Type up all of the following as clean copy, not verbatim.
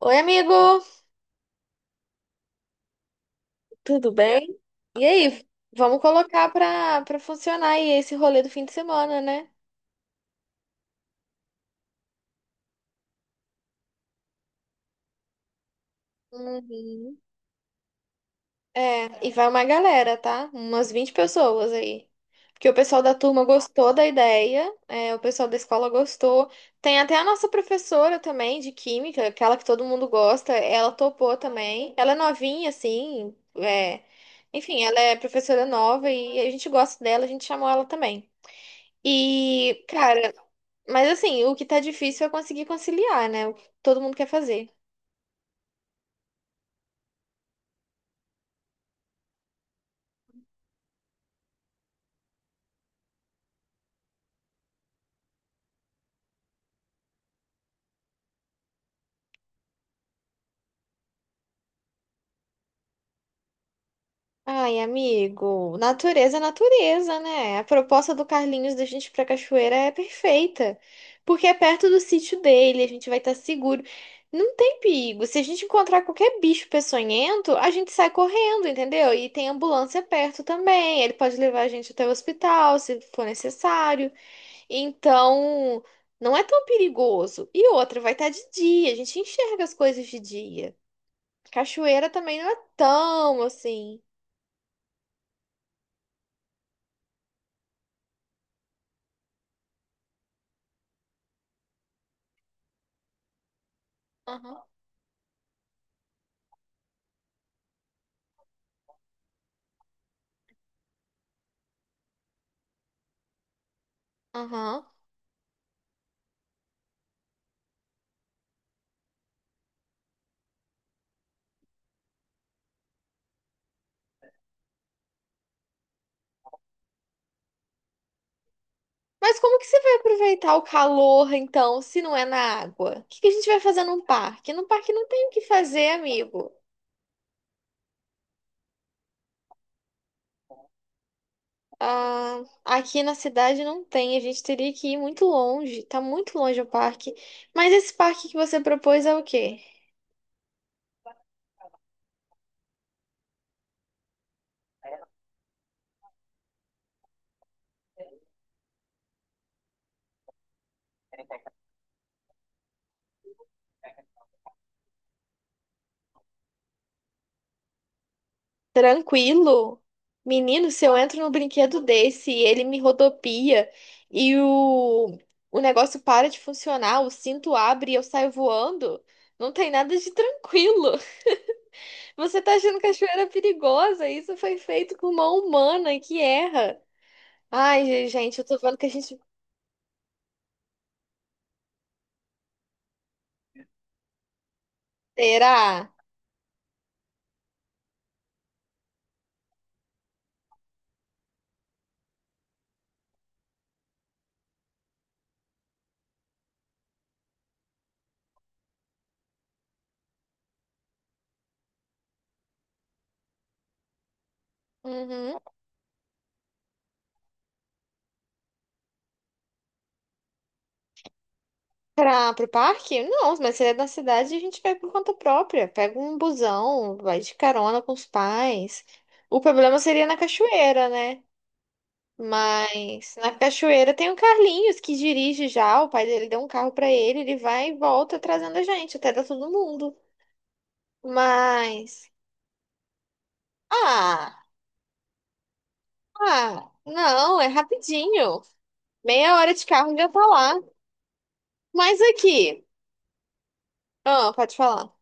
Oi, amigo, tudo bem? E aí, vamos colocar pra funcionar aí esse rolê do fim de semana, né? Uhum. É, e vai uma galera, tá? Umas 20 pessoas aí. Porque o pessoal da turma gostou da ideia, é, o pessoal da escola gostou. Tem até a nossa professora também de química, aquela que todo mundo gosta, ela topou também. Ela é novinha, assim, Enfim, ela é professora nova e a gente gosta dela, a gente chamou ela também. E, cara, mas assim, o que tá difícil é conseguir conciliar, né? O que todo mundo quer fazer. Ai, amigo, natureza é natureza, né? A proposta do Carlinhos da gente ir pra cachoeira é perfeita. Porque é perto do sítio dele, a gente vai estar seguro. Não tem perigo. Se a gente encontrar qualquer bicho peçonhento, a gente sai correndo, entendeu? E tem ambulância perto também. Ele pode levar a gente até o hospital, se for necessário. Então, não é tão perigoso. E outra, vai estar de dia, a gente enxerga as coisas de dia. Cachoeira também não é tão assim. Aham, aham. Mas como que você vai aproveitar o calor, então, se não é na água? O que que a gente vai fazer num parque? Num parque não tem o que fazer, amigo. Ah, aqui na cidade não tem, a gente teria que ir muito longe. Tá muito longe o parque. Mas esse parque que você propôs é o quê? Tranquilo? Menino, se eu entro num brinquedo desse e ele me rodopia e o negócio para de funcionar, o cinto abre e eu saio voando, não tem nada de tranquilo. Você tá achando cachoeira perigosa? Isso foi feito com mão humana que erra. Ai, gente, eu tô vendo que a gente. Será? Uhum. Pro parque? Não, mas se é da cidade, a gente vai por conta própria. Pega um busão, vai de carona com os pais. O problema seria na cachoeira, né? Mas na cachoeira tem o Carlinhos que dirige já, o pai dele deu um carro pra ele, ele vai e volta trazendo a gente, até dá todo mundo. Mas. Ah, ah, não, é rapidinho. Meia hora de carro já tá lá. Mas aqui, ah, pode falar.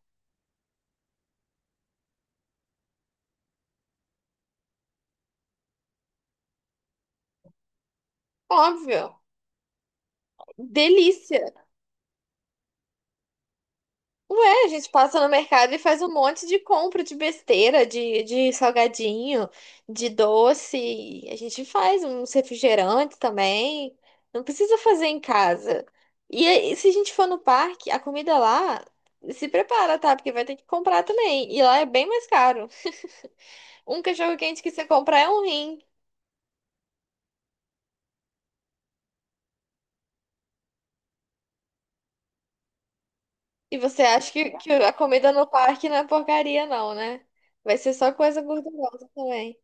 Óbvio, delícia. Ué, a gente passa no mercado e faz um monte de compra de besteira, de salgadinho, de doce. A gente faz uns refrigerantes também. Não precisa fazer em casa. E aí, se a gente for no parque, a comida lá se prepara, tá? Porque vai ter que comprar também. E lá é bem mais caro. Um cachorro quente que você comprar é um rim. E você acha que a comida no parque não é porcaria, não, né? Vai ser só coisa gordurosa também.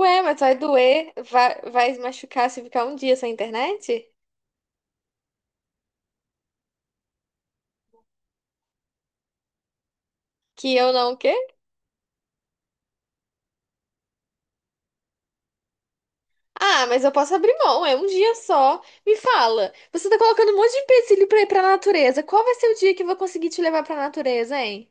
Ué, mas vai doer, vai machucar se ficar um dia sem internet? Que eu não, o quê? Ah, mas eu posso abrir mão, é um dia só. Me fala, você tá colocando um monte de empecilho pra ir pra natureza. Qual vai ser o dia que eu vou conseguir te levar pra natureza, hein?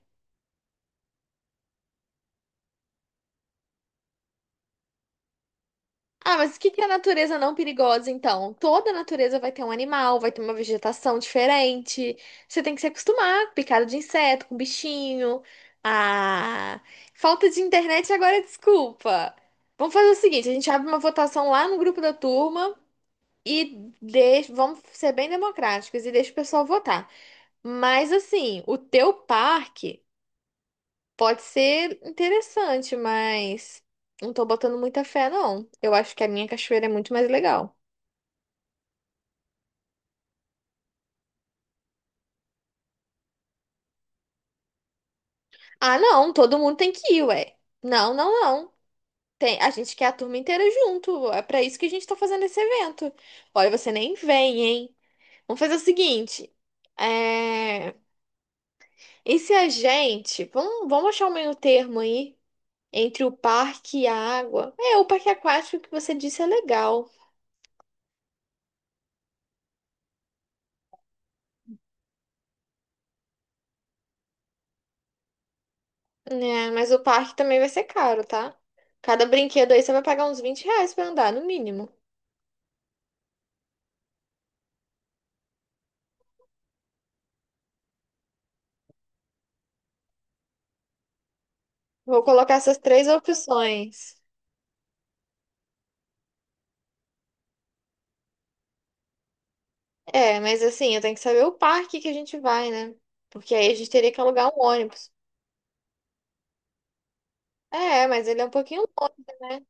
Ah, mas o que que é a natureza não perigosa, então? Toda natureza vai ter um animal, vai ter uma vegetação diferente. Você tem que se acostumar com picada de inseto, com bichinho. Ah, falta de internet agora, é desculpa. Vamos fazer o seguinte, a gente abre uma votação lá no grupo da turma e deixa, vamos ser bem democráticos e deixa o pessoal votar. Mas assim, o teu parque pode ser interessante, mas não tô botando muita fé, não. Eu acho que a minha cachoeira é muito mais legal. Ah, não, todo mundo tem que ir, ué. Não, não, não. Tem, a gente quer a turma inteira junto. É pra isso que a gente tá fazendo esse evento. Olha, você nem vem, hein? Vamos fazer o seguinte. É... E se a gente. Vamos achar um meio termo aí entre o parque e a água. É, o parque aquático que você disse é legal, né? Mas o parque também vai ser caro, tá? Cada brinquedo aí você vai pagar uns 20 reais pra andar, no mínimo. Vou colocar essas três opções. É, mas assim, eu tenho que saber o parque que a gente vai, né? Porque aí a gente teria que alugar um ônibus. É, mas ele é um pouquinho longe, né?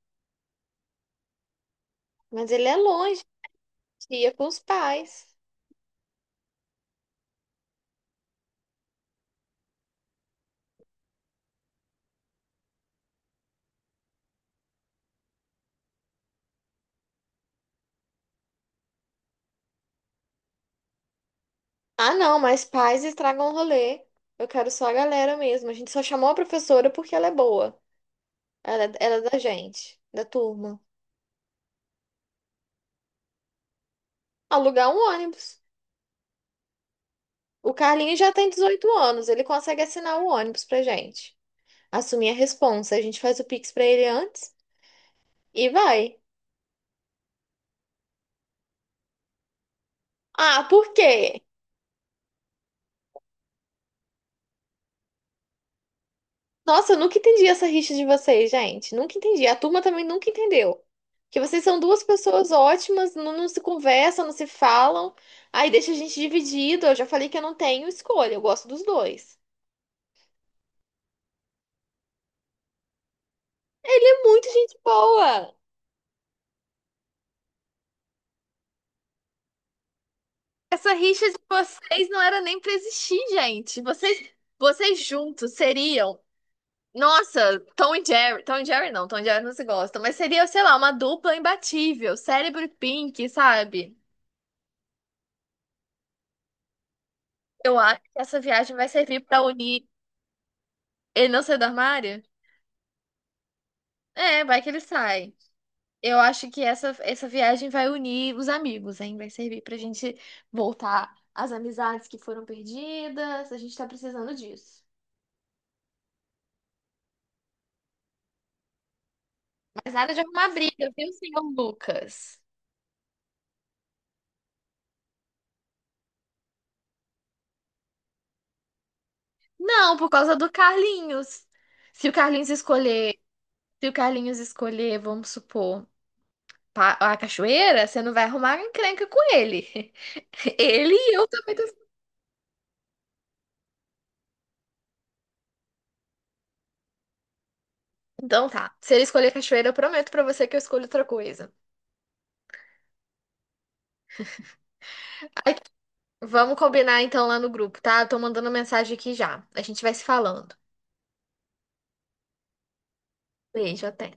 Mas ele é longe, a gente ia com os pais. Ah, não, mas pais estragam o rolê. Eu quero só a galera mesmo. A gente só chamou a professora porque ela é boa. Ela é da gente, da turma. Alugar um ônibus. O Carlinhos já tem 18 anos, ele consegue assinar o ônibus pra gente. Assumir a responsa. A gente faz o Pix pra ele antes e vai. Ah, por quê? Nossa, eu nunca entendi essa rixa de vocês, gente. Nunca entendi. A turma também nunca entendeu. Que vocês são duas pessoas ótimas, não, não se conversam, não se falam. Aí deixa a gente dividido. Eu já falei que eu não tenho escolha, eu gosto dos dois. Ele é muito gente boa. Essa rixa de vocês não era nem pra existir, gente. Vocês, vocês juntos seriam. Nossa, Tom e Jerry. Tom e Jerry não, Tom e Jerry não se gostam, mas seria, sei lá, uma dupla imbatível, cérebro e Pink, sabe? Eu acho que essa viagem vai servir pra unir ele não sai do armário? É, vai que ele sai. Eu acho que essa viagem vai unir os amigos, hein? Vai servir pra gente voltar às amizades que foram perdidas. A gente tá precisando disso. Mas nada de arrumar briga, viu, senhor Lucas? Não, por causa do Carlinhos. Se o Carlinhos escolher, se o Carlinhos escolher, vamos supor, a cachoeira, você não vai arrumar encrenca com ele. Ele e eu também. Então tá. Se ele escolher cachoeira, eu prometo pra você que eu escolho outra coisa. Ai, vamos combinar então lá no grupo, tá? Eu tô mandando mensagem aqui já. A gente vai se falando. Beijo, até.